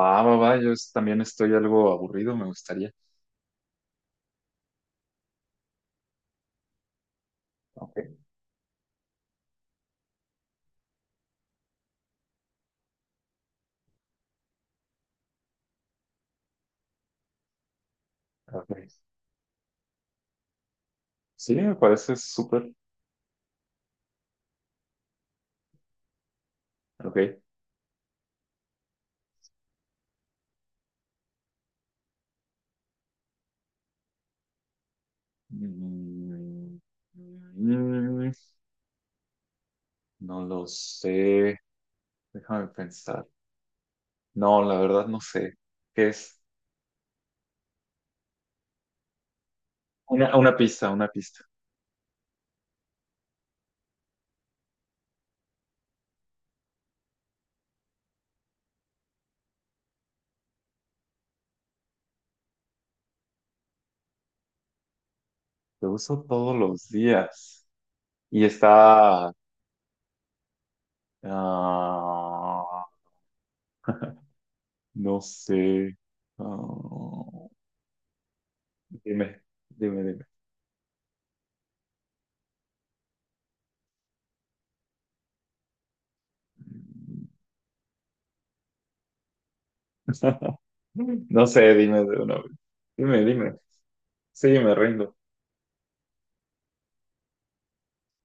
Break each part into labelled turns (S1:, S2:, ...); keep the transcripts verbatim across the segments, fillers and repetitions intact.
S1: Va, va, va, yo es- también estoy algo aburrido, me gustaría. Ok, ok. Sí, me parece súper. Ok. Mm, mm, no lo sé. Déjame pensar. No, la verdad no sé. ¿Qué es? Una, una pista, una pista. Lo uso todos los días. Y está... ah, no sé. Ah, dime, dime, dime. No sé, dime de una vez. Dime, dime. Sí, me rindo.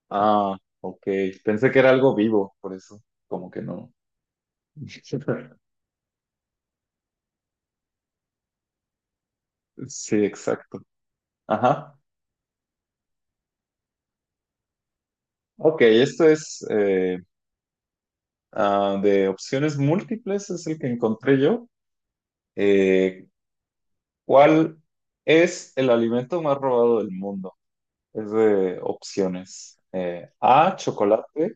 S1: Ah, ok. Pensé que era algo vivo, por eso, como que no. Sí, exacto. Ajá. Ok, esto es eh, ah, de opciones múltiples, es el que encontré yo. Eh, ¿cuál es el alimento más robado del mundo? Es de opciones. Eh, A, chocolate,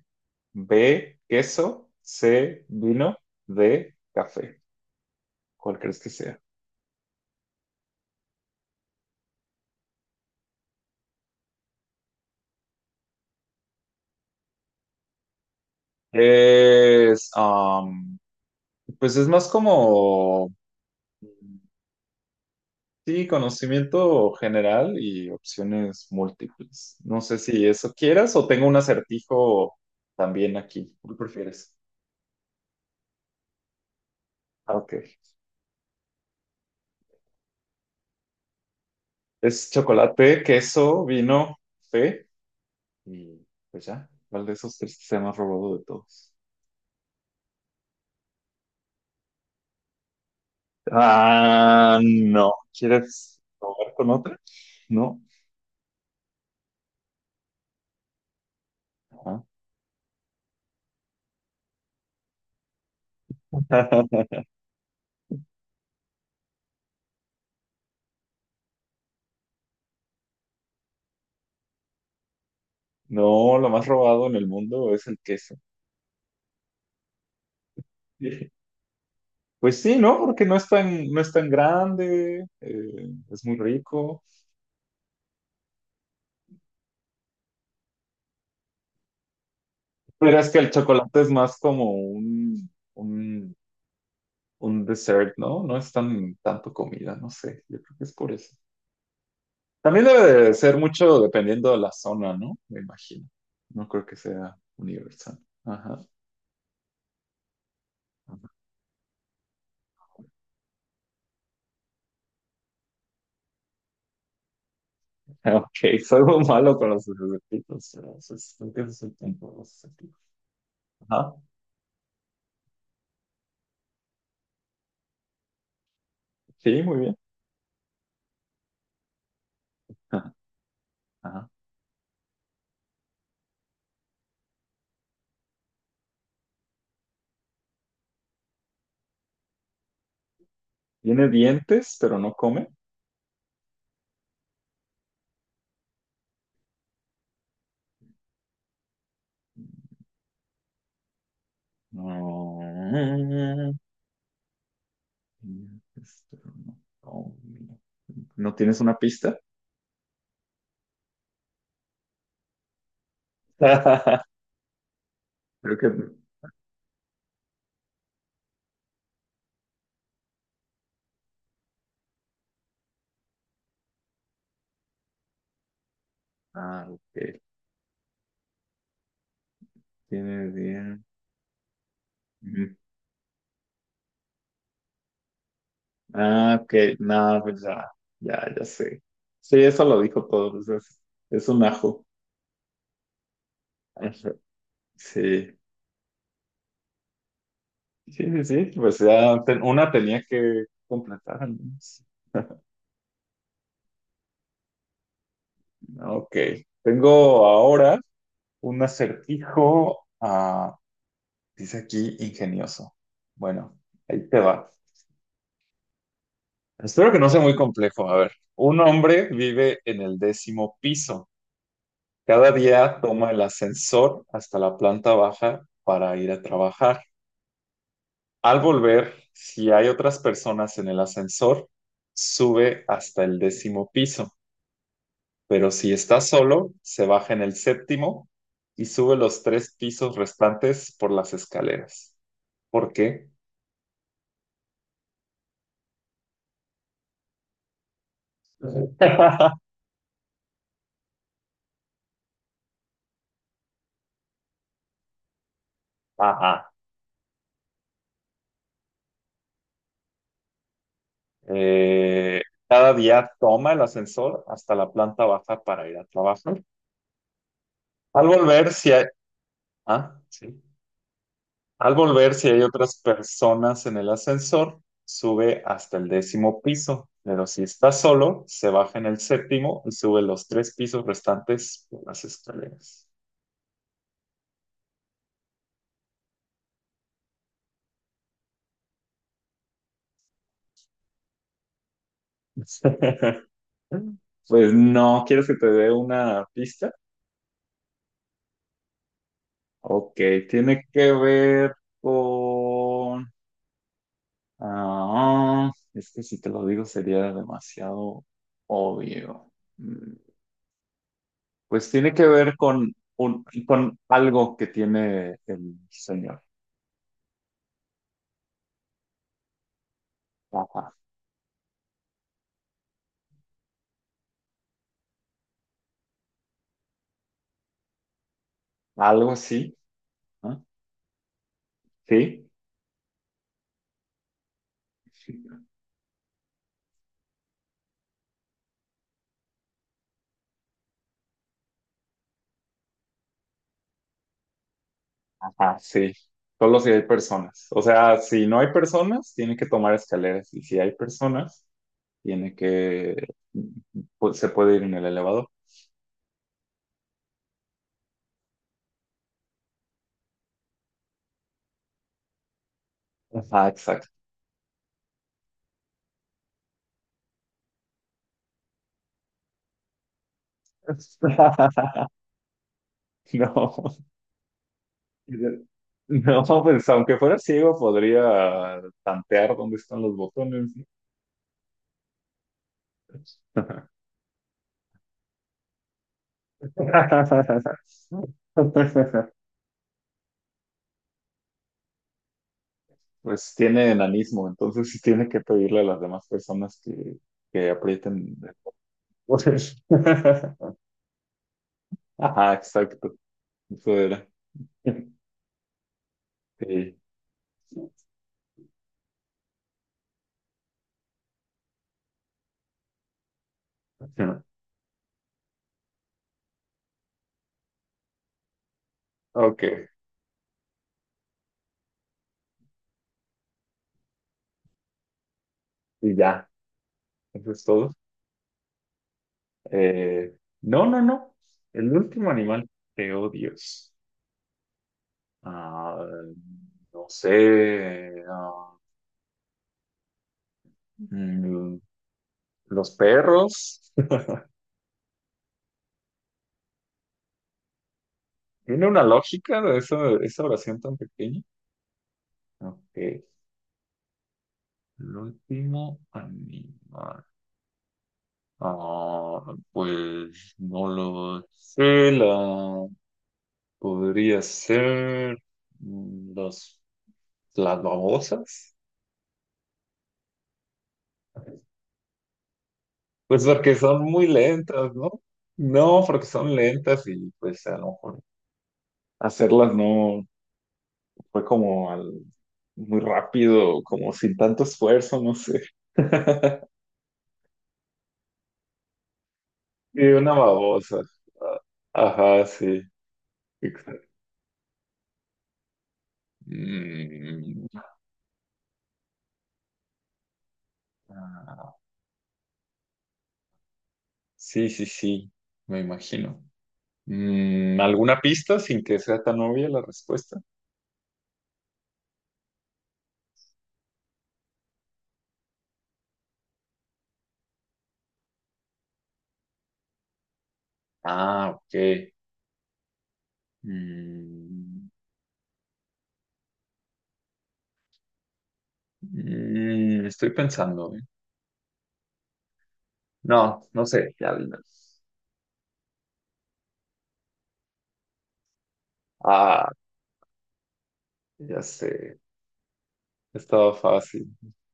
S1: B, queso, C, vino, D, café. ¿Cuál crees que sea? Es, am, pues es más como, sí, conocimiento general y opciones múltiples. No sé si eso quieras, o tengo un acertijo también aquí. ¿Cuál prefieres? Ah, ok. Es chocolate, queso, vino, fe y pues ya. ¿Cuál de esos tres sea más robado de todos? Ah, no. ¿Quieres probar con otra? No. Ah. No, lo más robado en el mundo es el queso. Pues sí, ¿no? Porque no es tan, no es tan grande, eh, es muy rico. Pero es que el chocolate es más como un, un, un dessert, ¿no? No es tan tanto comida, no sé. Yo creo que es por eso. También debe de ser mucho dependiendo de la zona, ¿no? Me imagino. No creo que sea universal. Ajá. Ok, soy muy malo con los sustantivos, pero, pues, creo que ese es el punto de los sustantivos. Ajá. Sí, muy bien. Ajá. Tiene dientes, pero no come. No, dientes, pero no come. ¿No tienes una pista? Creo que. Ah, ok. Tiene dientes. Ujú. Ah, ok. No, pues ya. Ya, ya sé. Sí, eso lo dijo todo, pues es, es un ajo. Ajá. Sí. Sí, sí, sí. Pues ya ten- una tenía que completar, al menos. Ok. Tengo ahora un acertijo. Dice aquí ingenioso. Bueno, ahí te va. Espero que no sea muy complejo. A ver, un hombre vive en el décimo piso. Cada día toma el ascensor hasta la planta baja para ir a trabajar. Al volver, si hay otras personas en el ascensor, sube hasta el décimo piso. Pero si está solo, se baja en el séptimo y sube los tres pisos restantes por las escaleras. ¿Por qué? Ajá. Eh, cada día toma el ascensor hasta la planta baja para ir a trabajar. Al volver, si hay, ah, sí. Al volver, si hay otras personas en el ascensor, sube hasta el décimo piso, pero si está solo, se baja en el séptimo y sube los tres pisos restantes por las escaleras. Pues no, ¿quieres que te dé una pista? Ok, tiene que ver con... Ah, es que si te lo digo sería demasiado obvio. Mm, Pues tiene que ver con, un, con algo que tiene el señor. Ajá. Algo así, ¿no? Sí. Ajá, sí. Solo si hay personas. O sea, si no hay personas, tiene que tomar escaleras. Y si hay personas, tiene que... pues, se puede ir en el elevador. Ajá, exacto. No. No, pues aunque fuera ciego podría tantear dónde están los botones, ¿no? Pues tiene enanismo, entonces sí tiene que pedirle a las demás personas que, que aprieten el botón. Ajá, exacto. Eso era. Sí. Ok, y ya. Eso es todo. Eh, no, no, no. El último animal. Te odios. Ah, no sé, ah, mm, los perros. ¿Tiene una lógica de esa, esa oración tan pequeña? Ok, el último animal. Ah, pues no lo sé, la podría ser mm, los, las babosas. Pues porque son muy lentas, ¿no? No, porque son lentas y pues a lo mejor hacerlas no. Fue como al- muy rápido, como sin tanto esfuerzo, no sé. Y una babosa. Ah, Ajá, sí. Exacto. Mm, ah, sí, sí, sí, me imagino. Mm, ¿alguna pista sin que sea tan obvia la respuesta? Ah, ok. Mm, mm, estoy pensando, ¿eh? No, no sé, ya, ya. Ah, ya sé, estaba fácil.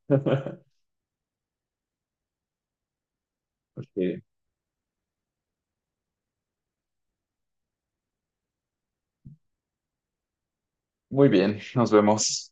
S1: Ok, muy bien, nos vemos.